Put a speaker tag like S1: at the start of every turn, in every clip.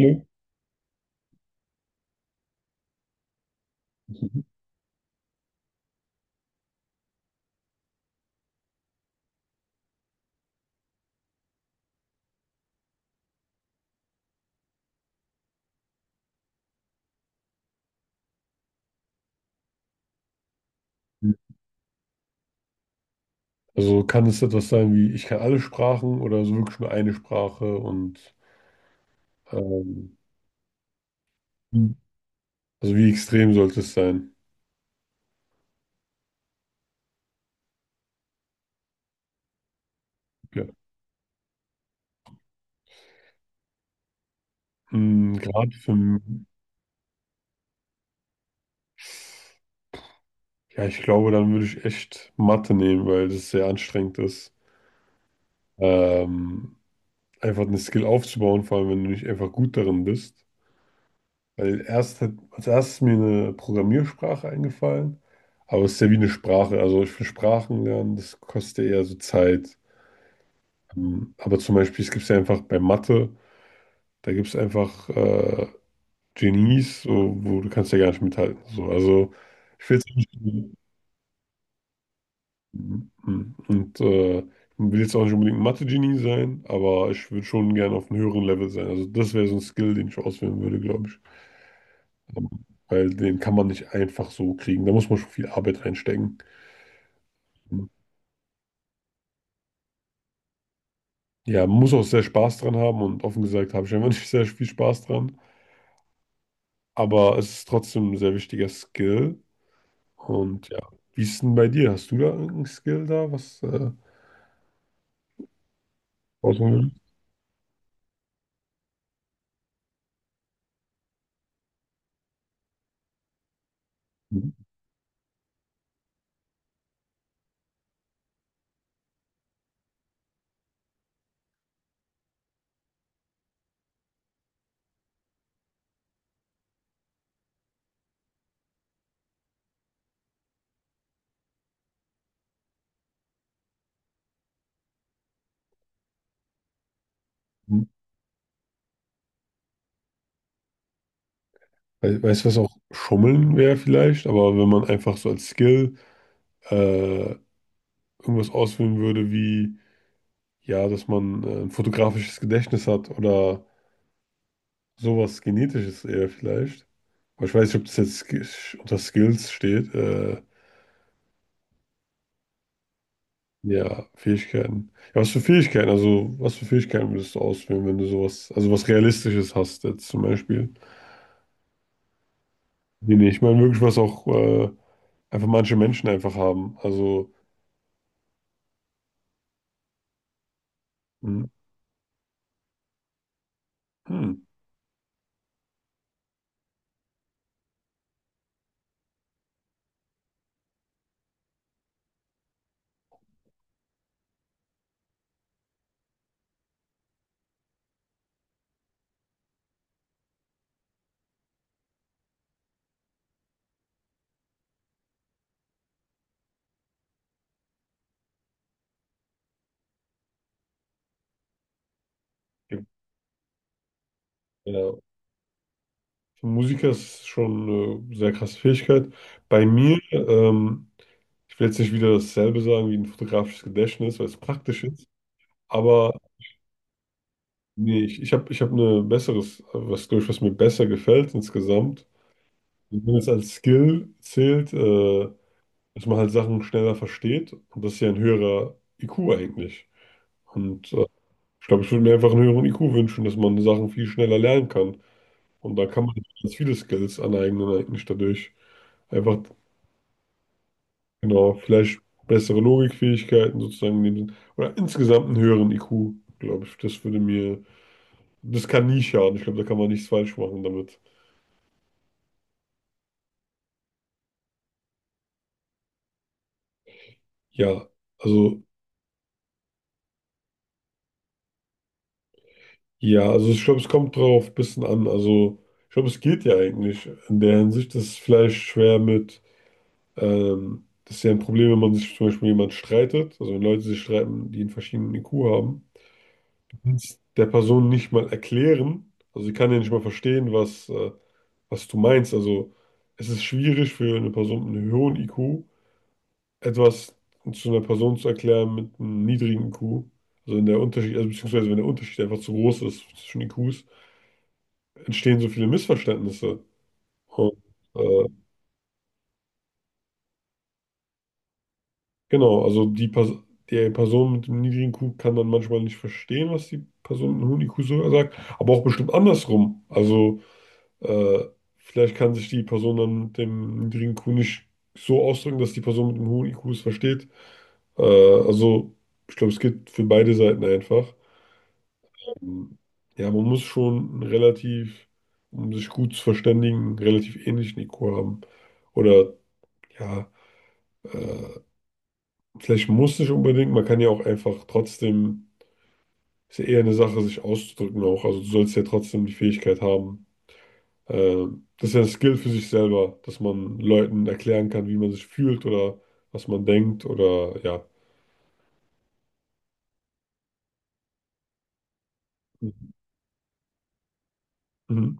S1: Nö. Also kann es etwas sein wie, ich kann alle Sprachen oder so wirklich nur eine Sprache und ähm, Mhm. also wie extrem sollte es sein? Ja. Hm, gerade für, m- ja, ich glaube, dann würde ich echt Mathe nehmen, weil das sehr anstrengend ist. Ähm, Einfach eine Skill aufzubauen, vor allem wenn du nicht einfach gut darin bist. Als erstes ist mir eine Programmiersprache eingefallen, aber es ist ja wie eine Sprache. Also ich finde Sprachen lernen, das kostet ja eher so Zeit. Aber zum Beispiel, es gibt ja einfach bei Mathe da gibt es einfach Genies, so, wo du kannst ja gar nicht mithalten. So. Also ich will jetzt nicht, und Will jetzt auch nicht unbedingt ein Mathe-Genie sein, aber ich würde schon gerne auf einem höheren Level sein. Also das wäre so ein Skill, den ich auswählen würde, glaube ich. Ähm, Weil den kann man nicht einfach so kriegen. Da muss man schon viel Arbeit reinstecken. Ja, man muss auch sehr Spaß dran haben und offen gesagt habe ich einfach nicht sehr viel Spaß dran. Aber es ist trotzdem ein sehr wichtiger Skill. Und ja, wie ist denn bei dir? Hast du da irgendeinen Skill da, was rausholen würdest? Mhm. Weißt du, was auch Schummeln wäre vielleicht, aber wenn man einfach so als Skill äh, irgendwas auswählen würde, wie ja, dass man ein fotografisches Gedächtnis hat oder sowas Genetisches eher vielleicht. Aber ich weiß nicht, ob das jetzt unter Skills steht. Ja, Fähigkeiten. Ja, was für Fähigkeiten? Also, was für Fähigkeiten würdest du auswählen, wenn du sowas, also was Realistisches hast, jetzt zum Beispiel? Nee, nee, ich meine wirklich, was auch einfach manche Menschen einfach haben. Also, hm, hm, ja, ja. Für Musiker ist es schon eine sehr krasse Fähigkeit. Bei mir, ich will jetzt nicht wieder dasselbe sagen wie ein fotografisches Gedächtnis, weil es praktisch ist, aber nee, ich hab eine besseres, was glaube ich, was mir besser gefällt insgesamt. Und wenn es als Skill zählt, dass man halt Sachen schneller versteht und das ist ja ein höherer IQ eigentlich. Und äh, Ich glaube, ich würde mir einfach einen höheren IQ wünschen, dass man Sachen viel schneller lernen kann. Und da kann man ganz viele Skills aneignen, eigentlich dadurch. Einfach, genau, vielleicht bessere Logikfähigkeiten sozusagen in dem Sinn. Oder insgesamt einen höheren IQ, glaube ich. Das würde mir, das kann nie schaden. Ich glaube, da kann man nichts falsch machen damit. Ja, also, ja, also ich glaube, es kommt drauf ein bisschen an. Also, ich glaube, es geht ja eigentlich in der Hinsicht, dass es vielleicht schwer mit das ist ja ein Problem, wenn man sich zum Beispiel jemand streitet, also wenn Leute sich streiten, die einen verschiedenen IQ haben, du kannst der Person nicht mal erklären, also sie kann ja nicht mal verstehen, was, was du meinst. Also es ist schwierig für eine Person mit einem hohen IQ etwas zu einer Person zu erklären mit einem niedrigen IQ. Also wenn der Unterschied, also beziehungsweise wenn der Unterschied einfach zu groß ist zwischen IQs, entstehen so viele Missverständnisse. Und äh, Genau, also die Person mit dem niedrigen IQ kann dann manchmal nicht verstehen, was die Person mit einem hohen IQ so sagt, aber auch bestimmt andersrum. Also äh, vielleicht kann sich die Person dann mit dem niedrigen IQ nicht so ausdrücken, dass die Person mit dem hohen IQ es versteht. Also ich glaube, es geht für beide Seiten einfach. Ähm, Ja, man muss schon einen relativ, um sich gut zu verständigen, einen relativ ähnlichen IQ haben. Oder ja, äh, Vielleicht muss nicht unbedingt, man kann ja auch einfach trotzdem ist ja eher eine Sache, sich auszudrücken auch. Also du sollst ja trotzdem die Fähigkeit haben. Das ist ja ein Skill für sich selber, dass man Leuten erklären kann, wie man sich fühlt oder was man denkt oder ja. Mhm.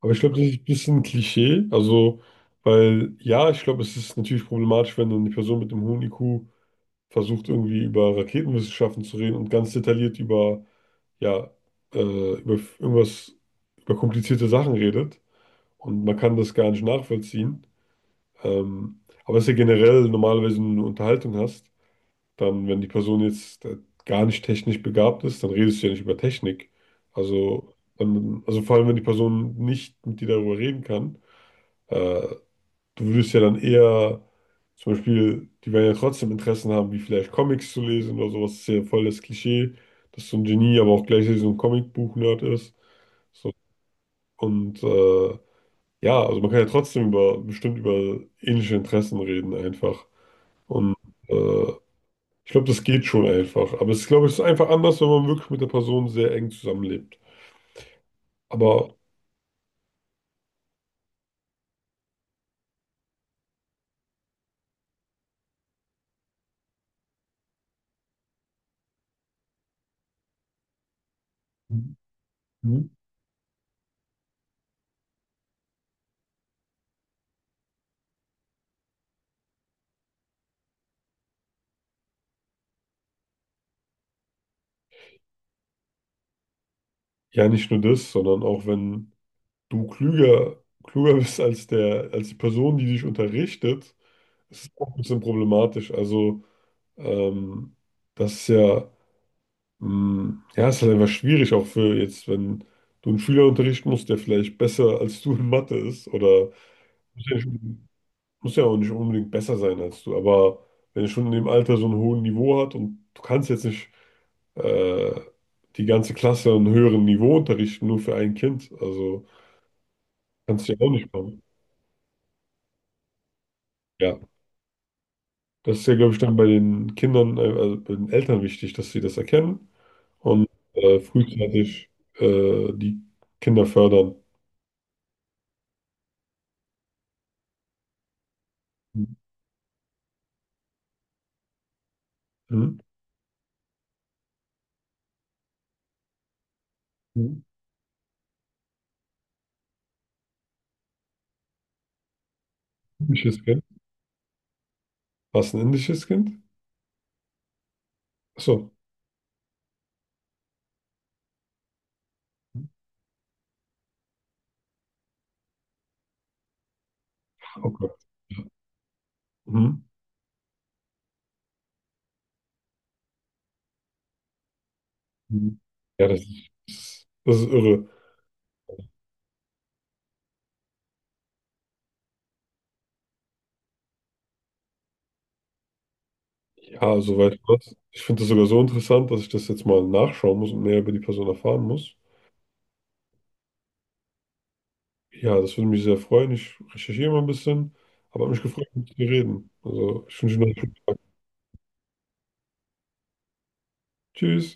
S1: Aber ich glaube, das ist ein bisschen Klischee. Also, weil ja, ich glaube, es ist natürlich problematisch, wenn dann die Person mit dem hohen IQ versucht, irgendwie über Raketenwissenschaften zu reden und ganz detailliert über, ja, irgendwas, über komplizierte Sachen redet und man kann das gar nicht nachvollziehen. Aber dass du generell normalerweise eine Unterhaltung hast, dann, wenn die Person jetzt gar nicht technisch begabt ist, dann redest du ja nicht über Technik. Also, dann, also vor allem, wenn die Person nicht mit dir darüber reden kann, äh, du würdest ja dann eher, zum Beispiel, die werden ja trotzdem Interessen haben, wie vielleicht Comics zu lesen oder sowas. Das ist ja voll das Klischee, dass so ein Genie aber auch gleichzeitig so ein Comicbuch-Nerd ist. So, und äh, ja, also man kann ja trotzdem über, bestimmt über ähnliche Interessen reden einfach. Und äh, Ich glaube, das geht schon einfach. Aber es ist, glaube ich, es ist einfach anders, wenn man wirklich mit der Person sehr eng zusammenlebt. Aber Mhm. Ja, nicht nur das, sondern auch wenn du klüger bist als als die Person, die dich unterrichtet, ist es auch ein bisschen problematisch. Ähm, Das ist ja, ja, ist halt einfach schwierig, auch für jetzt, wenn du einen Schüler unterrichten musst, der vielleicht besser als du in Mathe ist oder muss ja auch nicht unbedingt besser sein als du, aber wenn er schon in dem Alter so ein hohes Niveau hat und du kannst jetzt nicht äh, die ganze Klasse an einem höheren Niveau unterrichten, nur für ein Kind, also kannst du ja auch nicht machen. Ja, das ist ja, glaube ich, dann bei den Kindern, also bei den Eltern wichtig, dass sie das erkennen und frühzeitig die Kinder fördern. Mhm. Mhm. Indisches Kind? Was, ein indisches Kind? Achso. Okay. Mhm. Mhm. Ja, das ist, das ist, das ist irre. Ja, soweit was. Ich finde das sogar so interessant, dass ich das jetzt mal nachschauen muss und mehr über die Person erfahren muss. Ja, das würde mich sehr freuen. Ich recherchiere mal ein bisschen, aber hat mich gefreut, mit dir zu reden. Also, ich wünsche dir noch einen schönen Tag. Tschüss.